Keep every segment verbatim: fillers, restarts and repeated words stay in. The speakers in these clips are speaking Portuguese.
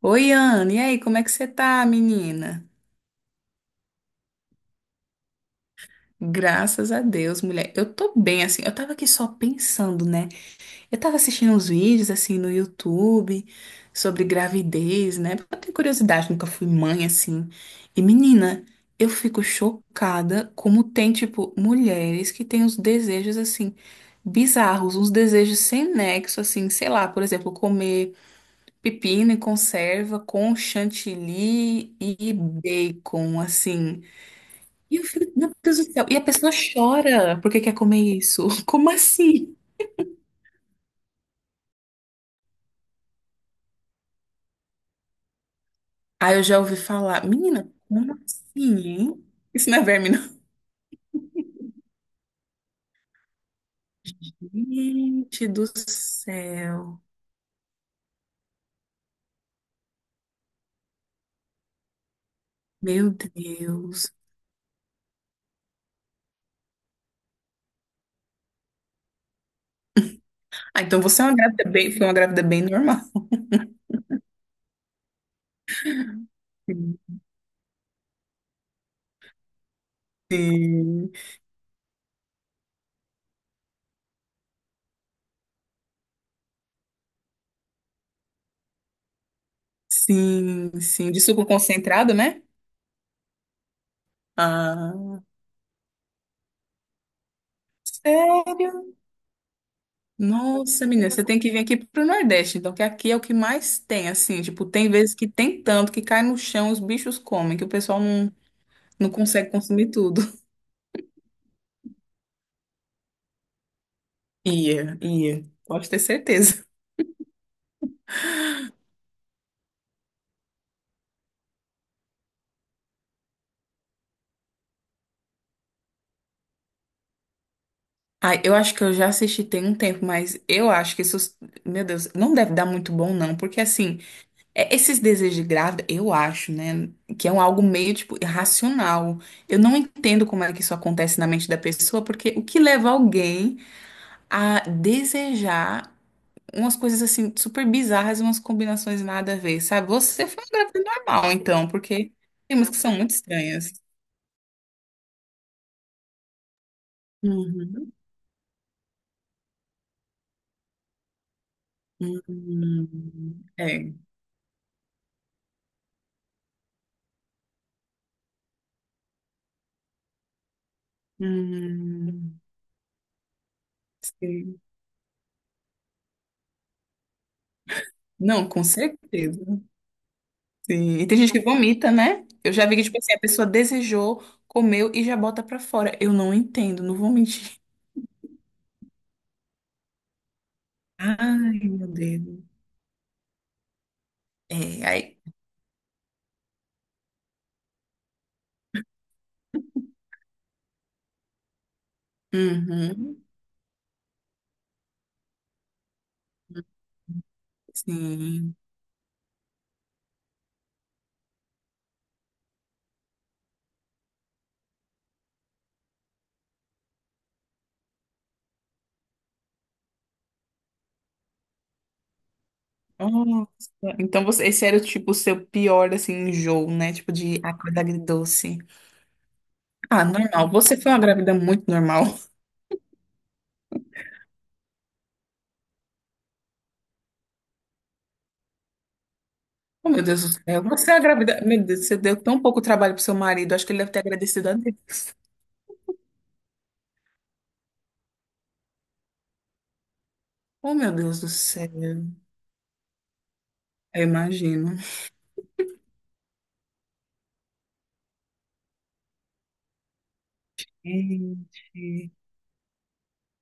Oi, Ana, e aí, como é que você tá, menina? Graças a Deus, mulher. Eu tô bem, assim. Eu tava aqui só pensando, né? Eu tava assistindo uns vídeos, assim, no YouTube sobre gravidez, né? Porque eu tenho curiosidade, nunca fui mãe, assim. E, menina, eu fico chocada como tem, tipo, mulheres que têm uns desejos, assim, bizarros, uns desejos sem nexo, assim, sei lá, por exemplo, comer pepino e conserva com chantilly e bacon, assim. E eu fico, meu Deus do céu. E a pessoa chora porque quer comer isso. Como assim? Aí eu já ouvi falar, menina, como assim? Hein? Isso não é verme, não. Gente do céu. Meu Deus. Ah, então você é uma grávida bem, foi uma grávida bem normal. Sim, sim, sim. De suco concentrado, né? Ah. Nossa, menina, você tem que vir aqui pro Nordeste, então, que aqui é o que mais tem, assim, tipo, tem vezes que tem tanto que cai no chão, os bichos comem, que o pessoal não, não consegue consumir tudo. Ia, ia, pode ter certeza. Ai, eu acho que eu já assisti tem um tempo, mas eu acho que isso, meu Deus, não deve dar muito bom, não, porque, assim, é- esses desejos de grávida, eu acho, né, que é um algo meio, tipo, irracional. Eu não entendo como é que isso acontece na mente da pessoa, porque o que leva alguém a desejar umas coisas assim super bizarras, umas combinações nada a ver, sabe? Você foi um grávida normal, então, porque tem umas que são muito estranhas. Uhum. Hum, é. Hum, sim. Não, com certeza. Sim. E tem gente que vomita, né? Eu já vi que, tipo assim, a pessoa desejou, comeu e já bota pra fora. Eu não entendo, não vou mentir. Ai, meu Deus. É, aí. Uhum, sim. Nossa, então você, esse era tipo o seu pior assim enjoo, né? Tipo de acordar agridoce. Ah, normal. Você foi uma grávida muito normal. Oh, meu Deus do céu. Você é a grávida. Meu Deus, você deu tão pouco trabalho pro seu marido. Acho que ele deve ter agradecido a Deus. Oh, meu Deus do céu. Eu imagino. Gente.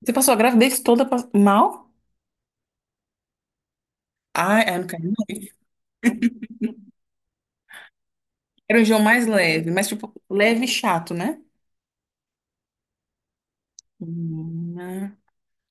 Você passou a gravidez toda pa- mal? Ai, ai, não quero não. Era o enjoo mais leve, mas tipo, leve e chato, né? Hum,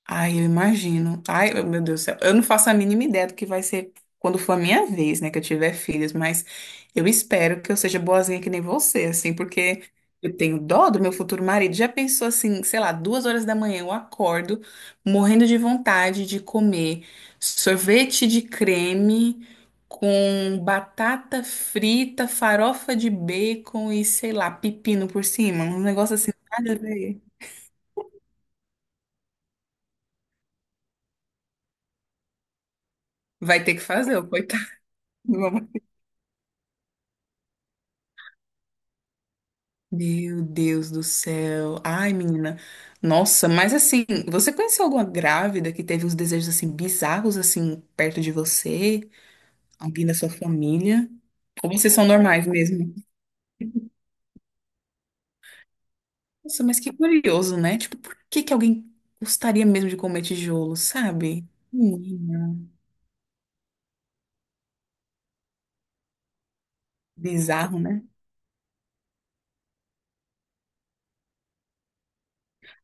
ai, eu imagino. Ai, eu- meu Deus do céu. Eu não faço a mínima ideia do que vai ser quando for a minha vez, né, que eu tiver filhos, mas eu espero que eu seja boazinha que nem você, assim, porque eu tenho dó do meu futuro marido. Já pensou assim, sei lá, duas horas da manhã eu acordo morrendo de vontade de comer sorvete de creme com batata frita, farofa de bacon e, sei lá, pepino por cima. Um negócio assim, nada a ver. Vai ter que fazer, ô, coitado. Meu Deus do céu. Ai, menina. Nossa, mas assim, você conheceu alguma grávida que teve uns desejos assim bizarros assim perto de você? Alguém da sua família? Ou vocês são normais mesmo? Nossa, mas que curioso, né? Tipo, por que que alguém gostaria mesmo de comer tijolo, sabe? Menina, bizarro, né?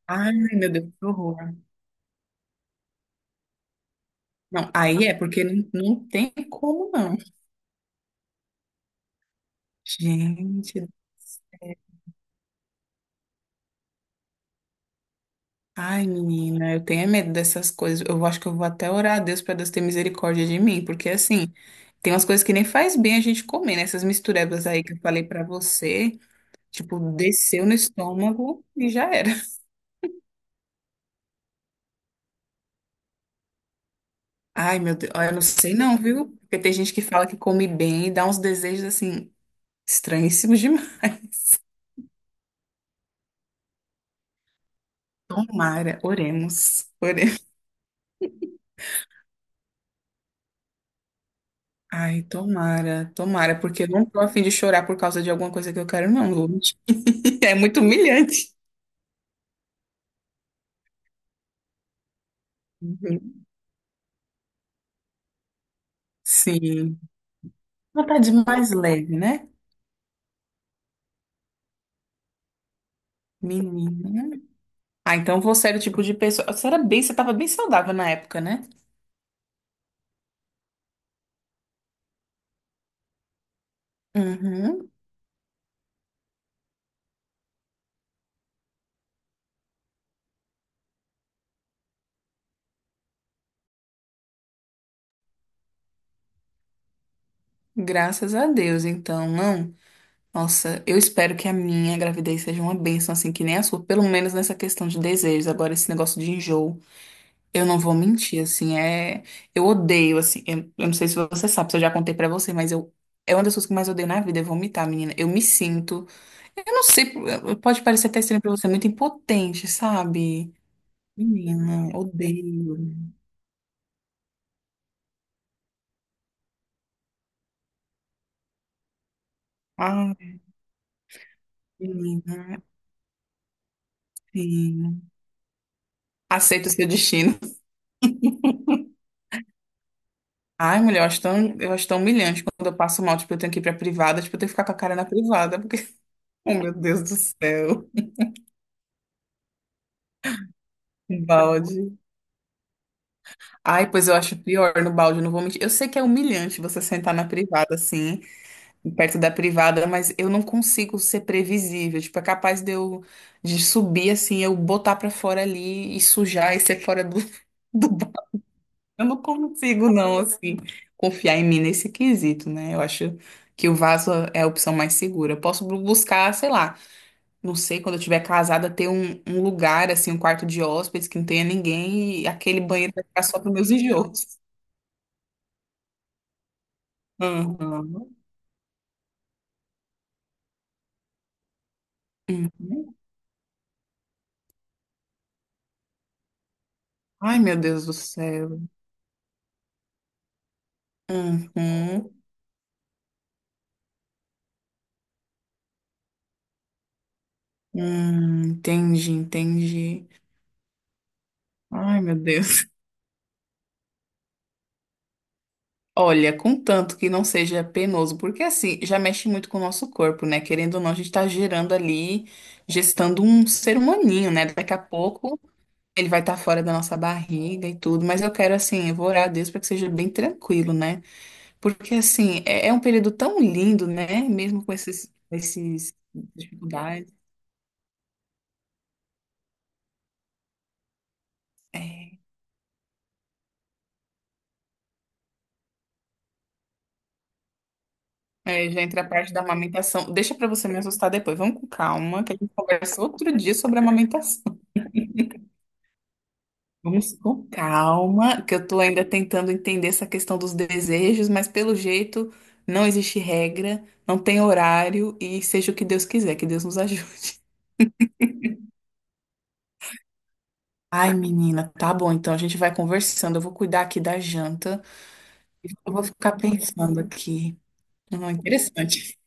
Ai, meu Deus, que horror. Não, aí é porque não, não tem como não. Gente. Ai, menina, eu tenho é medo dessas coisas. Eu acho que eu vou até orar a Deus para Deus ter misericórdia de mim, porque assim, tem umas coisas que nem faz bem a gente comer, né? Essas misturebas aí que eu falei para você, tipo, desceu no estômago e já era. Ai, meu Deus, olha, eu não sei não, viu? Porque tem gente que fala que come bem e dá uns desejos assim estranhíssimos demais. Tomara, oremos. Oremos. Ai, tomara, tomara, porque eu não tô a fim de chorar por causa de alguma coisa que eu quero, não, Lute. É muito humilhante. Uhum. Sim. Vontade mais leve, né? Menina. Ah, então você era o tipo de pessoa. Você era bem, você tava bem saudável na época, né? Uhum. Graças a Deus, então, não. Nossa, eu espero que a minha gravidez seja uma bênção, assim, que nem a sua, pelo menos nessa questão de desejos. Agora, esse negócio de enjoo. Eu não vou mentir, assim, é. Eu odeio, assim, eu, eu não sei se você sabe, se eu já contei pra você, mas eu. É uma das coisas que eu mais odeio na vida, é vomitar, menina. Eu me sinto. Eu não sei, pode parecer até estranho pra você, muito impotente, sabe? Menina, odeio. Ai, menina, sim. Aceito o seu destino. Ai, mulher, eu acho tão, eu acho tão humilhante quando eu passo mal, tipo, eu tenho que ir pra privada, tipo, eu tenho que ficar com a cara na privada, porque, oh, meu Deus do céu, um balde. Ai, pois eu acho pior no balde, não vou mentir. Eu sei que é humilhante você sentar na privada assim, perto da privada, mas eu não consigo ser previsível. Tipo, é capaz de eu de subir assim, eu botar pra fora ali e sujar e ser fora do, do balde. Eu não consigo, não, assim, confiar em mim nesse quesito, né? Eu acho que o vaso é a opção mais segura. Eu posso bu- buscar, sei lá, não sei, quando eu estiver casada, ter um, um lugar, assim, um quarto de hóspedes que não tenha ninguém e aquele banheiro vai ficar só para meus enjoos. Uhum, uhum. Ai, meu Deus do céu. Uhum. Hum, entendi, entendi. Ai, meu Deus. Olha, contanto que não seja penoso, porque assim, já mexe muito com o nosso corpo, né? Querendo ou não, a gente tá gerando ali, gestando um ser humaninho, né? Daqui a pouco ele vai estar fora da nossa barriga e tudo, mas eu quero, assim, eu vou orar a Deus para que seja bem tranquilo, né? Porque, assim, é, é um período tão lindo, né? Mesmo com esses, esses dificuldades. É. É, já entra a parte da amamentação. Deixa pra você me assustar depois. Vamos com calma, que a gente conversa outro dia sobre a amamentação. Vamos com calma, que eu tô ainda tentando entender essa questão dos desejos, mas pelo jeito não existe regra, não tem horário e seja o que Deus quiser, que Deus nos ajude. Ai, menina, tá bom, então a gente vai conversando. Eu vou cuidar aqui da janta. Eu vou ficar pensando aqui. Ah, interessante.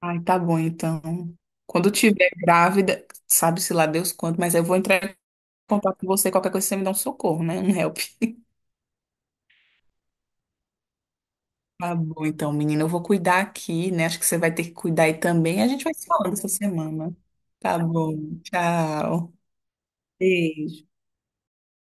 Ai, tá bom, então. Quando eu tiver grávida, sabe-se lá Deus quando, mas eu vou entrar contato com você, qualquer coisa você me dá um socorro, né? Um help. Tá bom, então, menina, eu vou cuidar aqui, né? Acho que você vai ter que cuidar aí também. A gente vai se falando essa semana. Tá bom, tchau. Beijo.